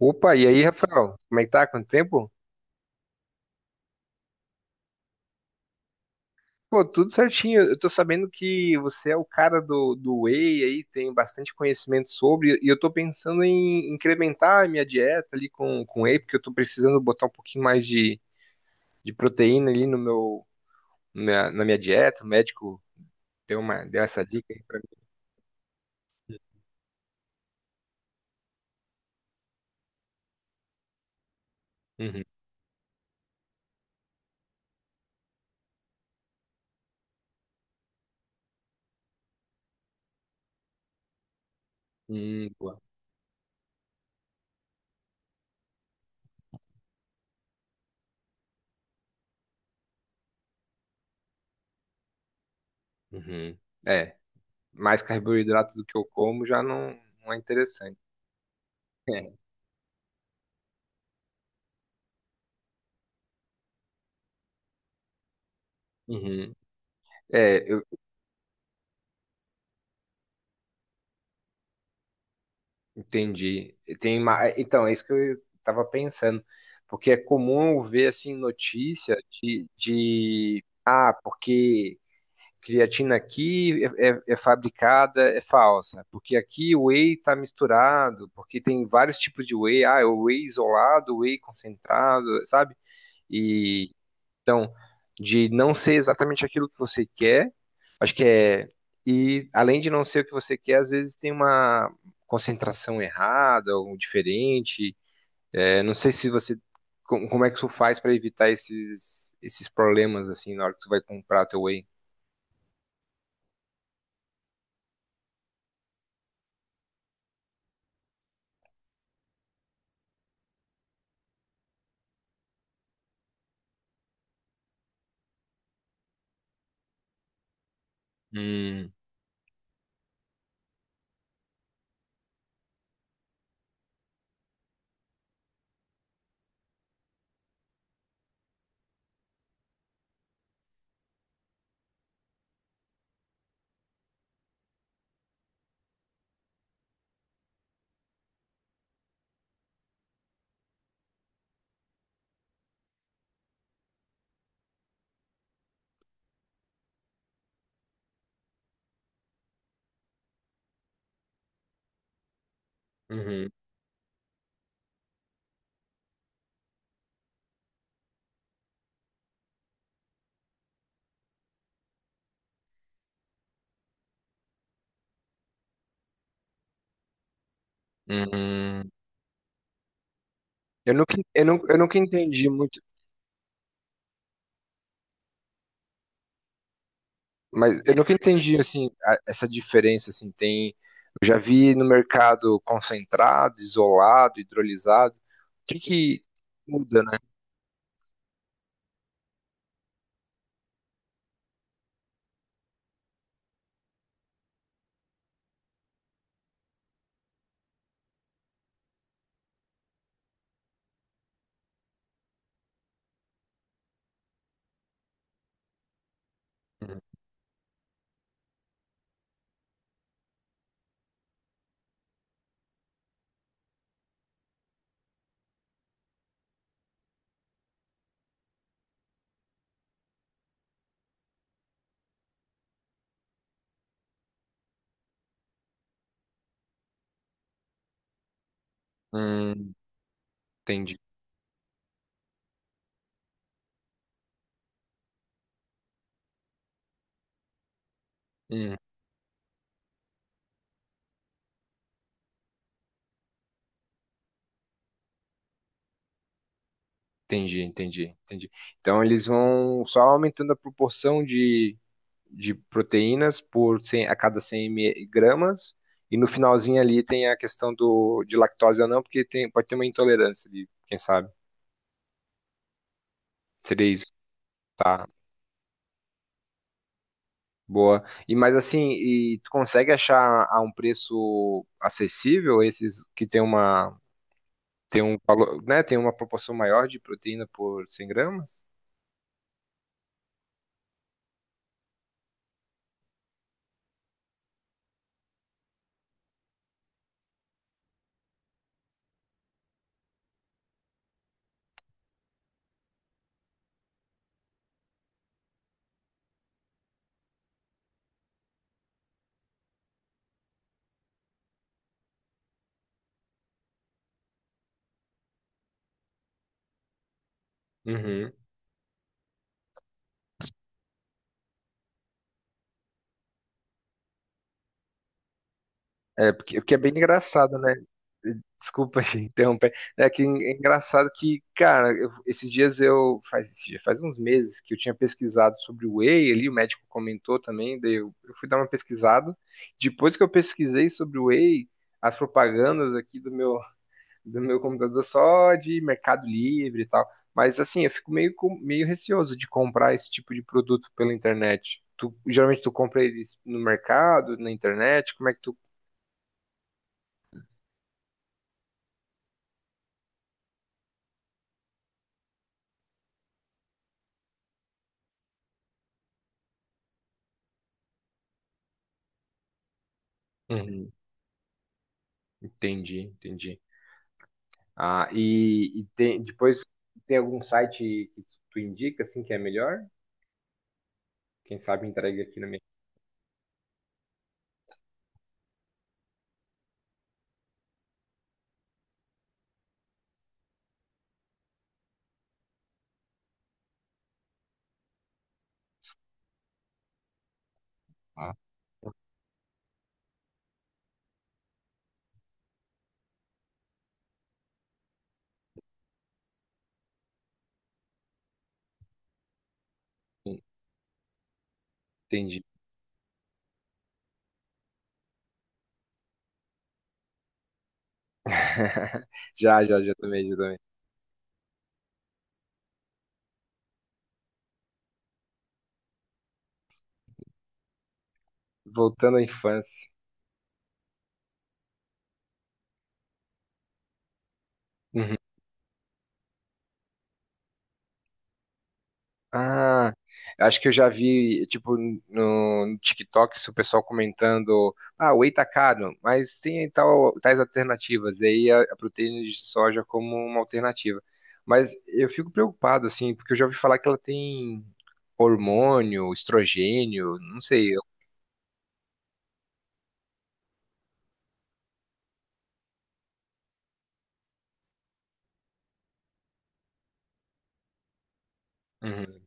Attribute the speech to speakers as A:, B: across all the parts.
A: Opa, e aí, Rafael? Como é que tá? Quanto tempo? Pô, tudo certinho. Eu tô sabendo que você é o cara do whey aí, tem bastante conhecimento sobre, e eu tô pensando em incrementar a minha dieta ali com whey, porque eu tô precisando botar um pouquinho mais de proteína ali no meu, na minha dieta. O médico deu uma, deu essa dica aí pra mim. Uhum. Boa. Uhum. É, mais carboidrato do que eu como já não, não é interessante. É. Uhum. É, entendi. E tem, então, é isso que eu estava pensando, porque é comum eu ver assim notícia porque creatina aqui é, é fabricada, é falsa, porque aqui o whey está misturado, porque tem vários tipos de whey, ah, é o whey isolado, o whey concentrado, sabe? Então, de não ser exatamente aquilo que você quer, acho que é. E além de não ser o que você quer, às vezes tem uma concentração errada ou diferente. É, não sei se você. Como é que tu faz para evitar esses problemas, assim, na hora que tu vai comprar teu whey? Hum, uhum, uhum. Eu nunca entendi muito. Mas eu nunca entendi assim essa diferença assim tem eu já vi no mercado concentrado, isolado, hidrolisado. O que que muda, né? Hum, entendi. Hum, entendi. Então eles vão só aumentando a proporção de proteínas por 100, a cada 100 ml gramas e no finalzinho ali tem a questão do de lactose ou não, porque tem, pode ter uma intolerância ali, quem sabe. Seria isso, tá? Boa. E mas assim, e tu consegue achar a um preço acessível esses que tem uma tem um valor, né, tem uma proporção maior de proteína por 100 gramas? Uhum. É porque, porque é bem engraçado, né? Desculpa te interromper. É que é engraçado que, cara, esses dias, faz uns meses que eu tinha pesquisado sobre o whey, ali o médico comentou também, daí eu fui dar uma pesquisada. Depois que eu pesquisei sobre o whey, as propagandas aqui do meu computador só de Mercado Livre e tal. Mas assim, eu fico meio, meio receoso de comprar esse tipo de produto pela internet. Tu, geralmente tu compra eles no mercado, na internet, como é que tu... Uhum, entendi. Ah, e tem, depois tem algum site que tu indica, assim, que é melhor? Quem sabe entrega aqui na minha... Ah, entendi. Já, já, já também, já também. Voltando à infância. Ah, acho que eu já vi, tipo, no TikTok, o pessoal comentando, ah, o whey tá caro, mas tem tal, tais alternativas, e aí a proteína de soja como uma alternativa. Mas eu fico preocupado, assim, porque eu já ouvi falar que ela tem hormônio, estrogênio, não sei. Uhum.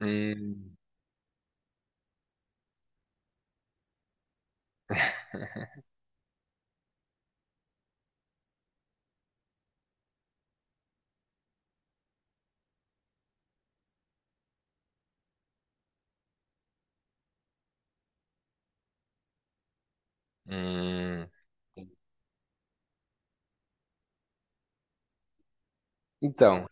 A: Hum, hum. Então,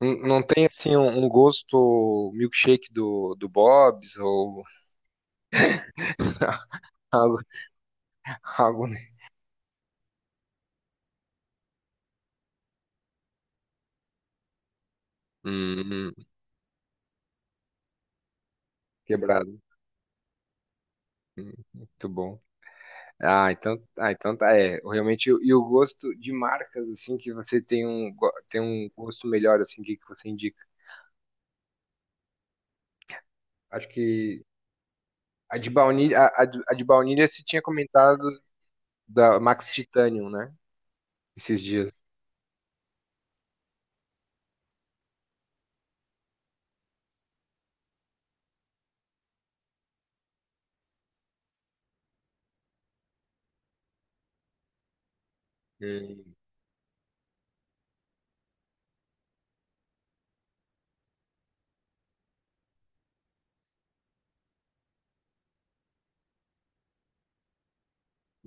A: não tem, assim, um gosto milkshake do Bob's ou algo, algo... Hum. Quebrado. Muito bom. Então tá, é, realmente, e o gosto de marcas, assim, que você tem um, tem um gosto melhor, assim, o que, que você indica? Acho que a de baunilha, a de baunilha você tinha comentado da Max Titanium, né? Esses dias. Hum,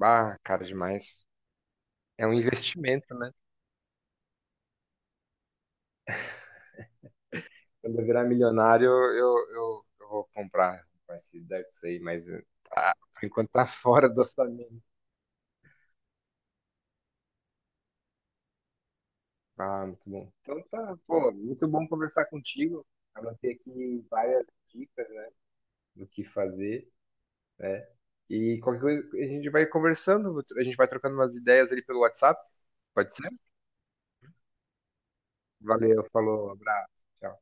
A: ah, cara, demais. É um investimento, né? Quando eu virar milionário, eu vou comprar, vai se dar isso aí, mas ah, por enquanto tá fora do orçamento. Ah, muito bom. Então tá, pô, muito bom conversar contigo. Anotei aqui várias dicas, né, do que fazer, né? E qualquer coisa a gente vai conversando, a gente vai trocando umas ideias ali pelo WhatsApp, pode ser? Valeu, falou, abraço. Tchau.